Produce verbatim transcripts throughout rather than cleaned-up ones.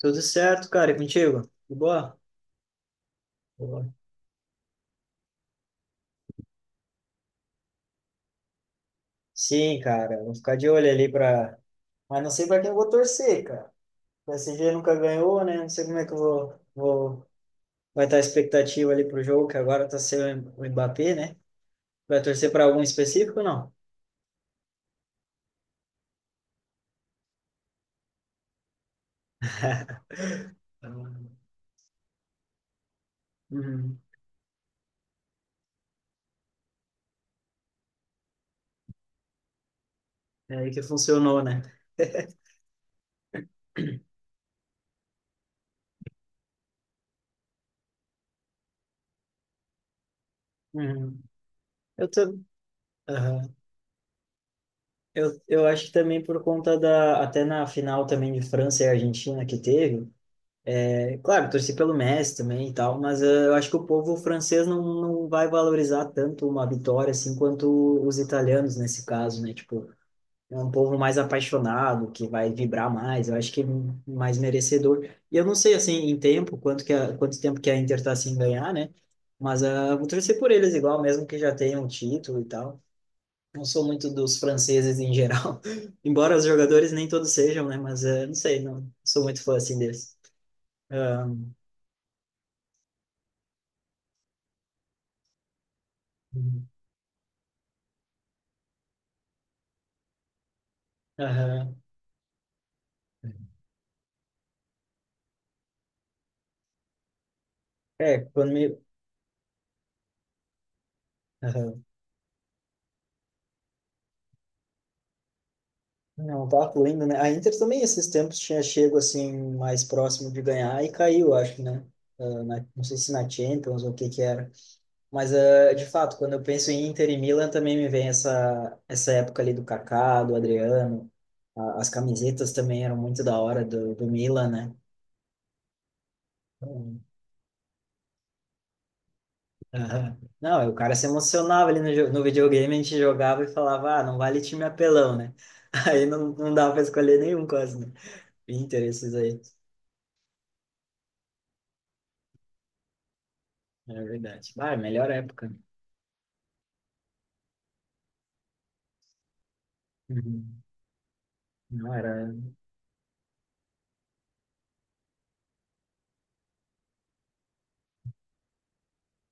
Tudo certo, cara, e contigo? De boa? Boa. Sim, cara, vou ficar de olho ali pra. Mas não sei pra quem eu vou torcer, cara. O P S G nunca ganhou, né? Não sei como é que eu vou, vou... vai estar a expectativa ali pro jogo, que agora tá sendo o Mbappé, né? Vai torcer pra algum específico ou não? Uhum. É aí que funcionou, né? Uhum. Eu, tô... Aham. eu, eu acho que também por conta da. Até na final também de França e Argentina que teve. É claro, torci pelo Messi também e tal, mas eh, eu acho que o povo francês não, não vai valorizar tanto uma vitória assim quanto os italianos nesse caso, né? Tipo, é um povo mais apaixonado, que vai vibrar mais, eu acho que é mais merecedor. E eu não sei assim em tempo, quanto que a, quanto tempo que a Inter tá sem ganhar, né? Mas eh, vou torcer por eles igual, mesmo que já tenham título e tal. Não sou muito dos franceses em geral, embora os jogadores nem todos sejam, né? Mas eh, não sei, não sou muito fã assim deles. Ah, aham. É, quando me. Aham. Não, eu tava lendo, né? A Inter também esses tempos tinha chego assim mais próximo de ganhar e caiu, acho, né? Ah, na- não sei se na Champions ou o que que era. Mas ah, de fato, quando eu penso em Inter e Milan também me vem essa essa época ali do Kaká, do Adriano. A- As camisetas também eram muito da hora do, do Milan, né? Então, aham. Não, o cara se emocionava ali no, jo- no videogame, a gente jogava e falava, ah, não vale time apelão, né? Aí não, não dava pra escolher nenhum quase, né? Interesses aí. É verdade. Ah, melhor época. Uhum. Não era.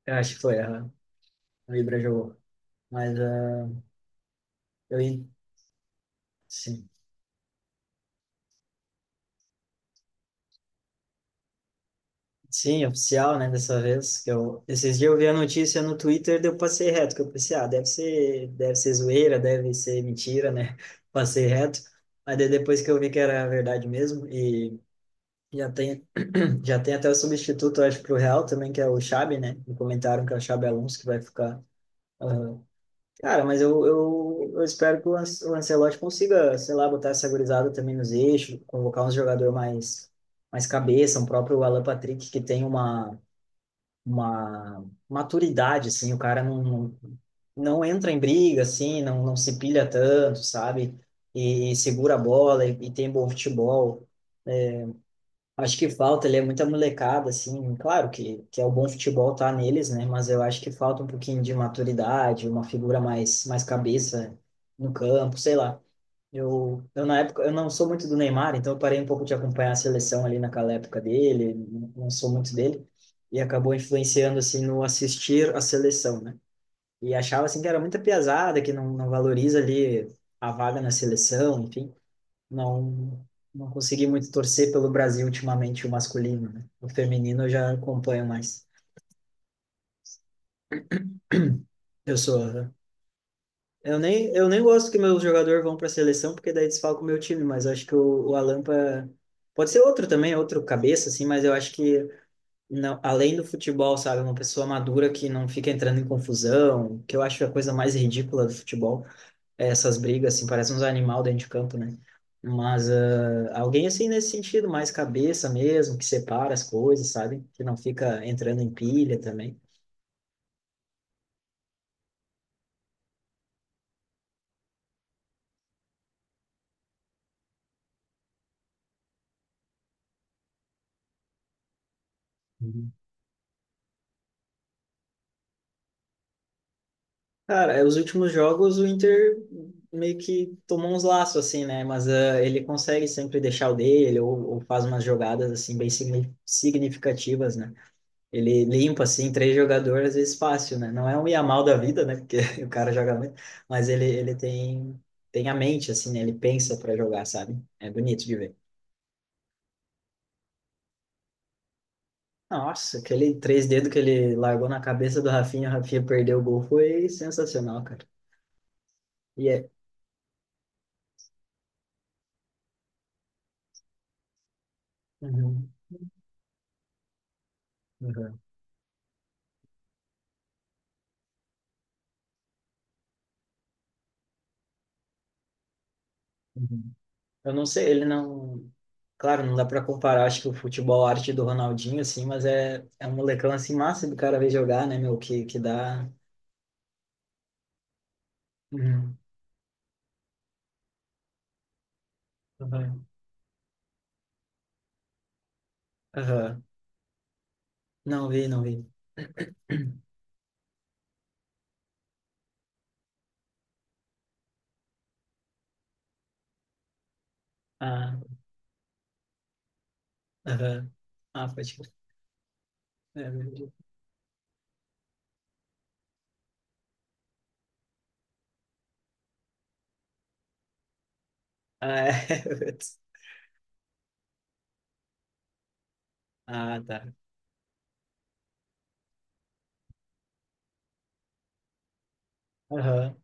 Eu acho que foi a a Ibra jogou. Mas ah, eu. en- Sim. Sim, oficial, né? Dessa vez. Que eu... Esses dias eu vi a notícia no Twitter, daí eu passei reto, que eu pensei, ah, deve ser, deve ser zoeira, deve ser mentira, né? Passei reto. Mas daí depois que eu vi que era verdade mesmo, e já tem, já tem até o substituto, eu acho, pro Real também, que é o Xabi, né? Me comentaram que é o Xabi Alonso que vai ficar. Cara, mas eu, eu, eu espero que o An- o Ancelotti consiga, sei lá, botar essa gurizada também nos eixos, convocar um jogador mais, mais cabeça, um próprio Alan Patrick que tem uma, uma maturidade, assim, o cara não, não, não entra em briga, assim, não, não se pilha tanto, sabe? E, e segura a bola e, e tem bom futebol. Acho que falta, ele é muita molecada, assim, claro que, que é o bom futebol tá neles, né? Mas eu acho que falta um pouquinho de maturidade, uma figura mais, mais cabeça no campo, sei lá. Eu, eu na época, eu não sou muito do Neymar, então eu parei um pouco de acompanhar a seleção ali naquela época dele, não não sou muito dele, e acabou influenciando, assim, no assistir a seleção, né? E achava, assim, que era muita piazada, que não, não valoriza ali a vaga na seleção, enfim não não consegui muito torcer pelo Brasil ultimamente, o masculino, né? O feminino eu já acompanho mais. Eu sou eu nem eu nem gosto que meus jogadores vão para a seleção porque daí desfalca o meu time, mas acho que o, o Alampa pode ser outro também, outro cabeça assim, mas eu acho que não, além do futebol, sabe, uma pessoa madura que não fica entrando em confusão, que eu acho a coisa mais ridícula do futebol. Essas brigas, assim, parece uns animal dentro de campo, né? Mas ah, alguém assim nesse sentido, mais cabeça mesmo, que separa as coisas, sabe? Que não fica entrando em pilha também. Uhum. Cara, é, os últimos jogos o Inter meio que tomou uns laços, assim, né? Mas ah, ele consegue sempre deixar o dele ou, ou faz umas jogadas, assim, bem signi- significativas, né? Ele limpa, assim, três jogadores, às vezes fácil, né? Não é um Yamal da vida, né? Porque o cara joga muito, mas ele, ele tem, tem a mente, assim, né? Ele pensa para jogar, sabe? É bonito de ver. Nossa, aquele três dedos que ele largou na cabeça do Rafinha, o Rafinha perdeu o gol, foi sensacional, cara. E é. Uhum, uhum, uhum. Eu não sei, ele não. Claro, não dá para comparar, acho que o futebol arte do Ronaldinho, assim, mas é, é um molecão, assim, massa do cara ver jogar, né, meu? Que, que dá. Uhum, uhum. Aham. Não vi, não vi. Ah, aham. Ah, pode crer. É, verdade. Ah, é. Putz. Ah, tá. Aham.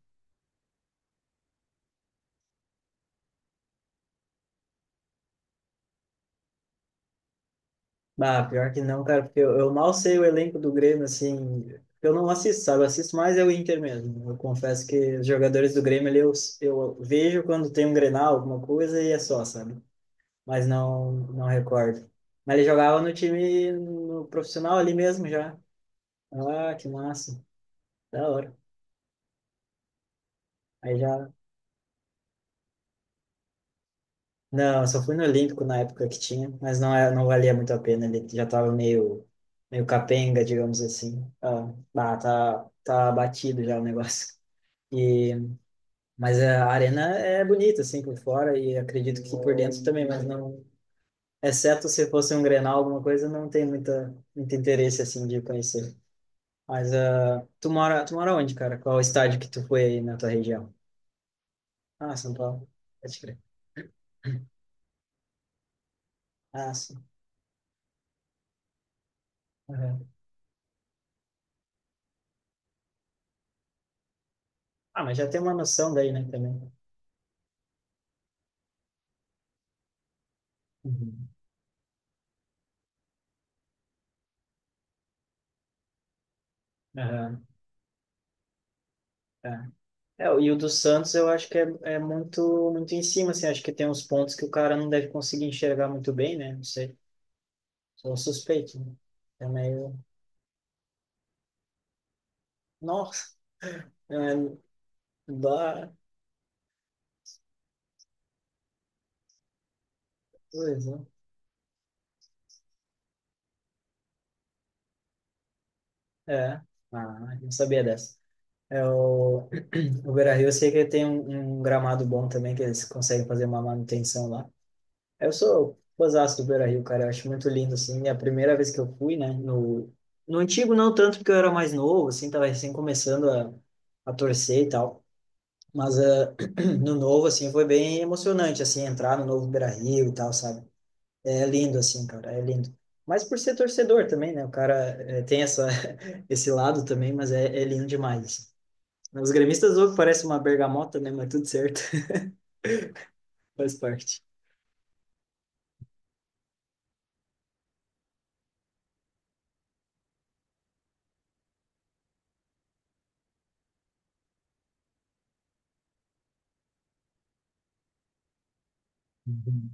Ah, pior que não, cara, porque eu, eu mal sei o elenco do Grêmio, assim. Eu não assisto, sabe? Eu assisto mais é o Inter mesmo. Eu confesso que os jogadores do Grêmio ali eu, eu vejo quando tem um Grenal, alguma coisa, e é só, sabe? Mas não, não recordo. Mas ele jogava no time no profissional ali mesmo já. Ah, que massa. Da hora. Aí já. Não, eu só fui no Olímpico na época que tinha, mas não, é, não valia muito a pena, ele já tava meio, meio capenga, digamos assim. Ah, bah, tá, tá batido já o negócio. E, mas a arena é bonita, assim, por fora, e acredito que por dentro também, mas não... Exceto se fosse um Grenal, alguma coisa, não tem muita, muito interesse, assim, de conhecer. Mas ah, tu mora, tu mora onde, cara? Qual estádio que tu foi aí na tua região? Ah, São Paulo. Pode crer. Ah, sim. Aham. Ah, mas já tem uma noção daí, né, também. Uhum. Aham, é. É, e o do Santos eu acho que é, é muito muito em cima, assim, acho que tem uns pontos que o cara não deve conseguir enxergar muito bem, né? Não sei, sou um suspeito, né? É meio, nossa, é, dá coisa. Né? É, ah, não sabia dessa. É, o, o Beira-Rio eu sei que tem um, um gramado bom também, que eles conseguem fazer uma manutenção lá. Eu sou fãzaço do Beira-Rio, cara. Eu acho muito lindo, assim. É a primeira vez que eu fui, né? No, no antigo, não tanto, porque eu era mais novo, assim, tava recém começando a, a torcer e tal. Mas eh, no novo, assim, foi bem emocionante, assim, entrar no novo Beira-Rio e tal, sabe? É lindo, assim, cara, é lindo. Mas por ser torcedor também, né? O cara eh, tem essa, esse lado também, mas é, é lindo demais. Assim. Os gremistas, ô, parece uma bergamota, né? Mas tudo certo. Faz parte. Uhum.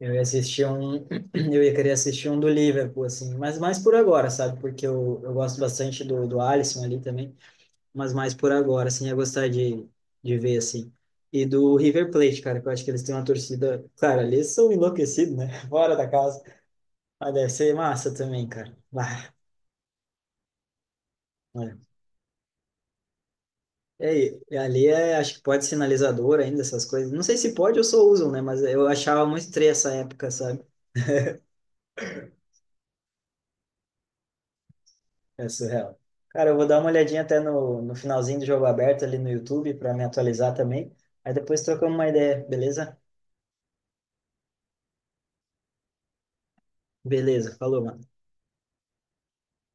Eu ia assistir um, eu ia querer assistir um do Liverpool, assim, mas mais por agora, sabe? Porque eu, eu gosto bastante do, do Alisson ali também, mas mais por agora, assim, ia gostar de, de ver, assim. E do River Plate, cara, que eu acho que eles têm uma torcida. Cara, eles são enlouquecidos, né? Fora da casa. Mas deve ser massa também, cara. Bah, é, e e ali é, acho que pode sinalizador ainda, essas coisas. Não sei se pode ou só usam, né? Mas eu achava muito estranha essa época, sabe? É surreal. Cara, eu vou dar uma olhadinha até no, no finalzinho do jogo aberto ali no YouTube para me atualizar também. Aí depois trocamos uma ideia, beleza? Beleza, falou, mano.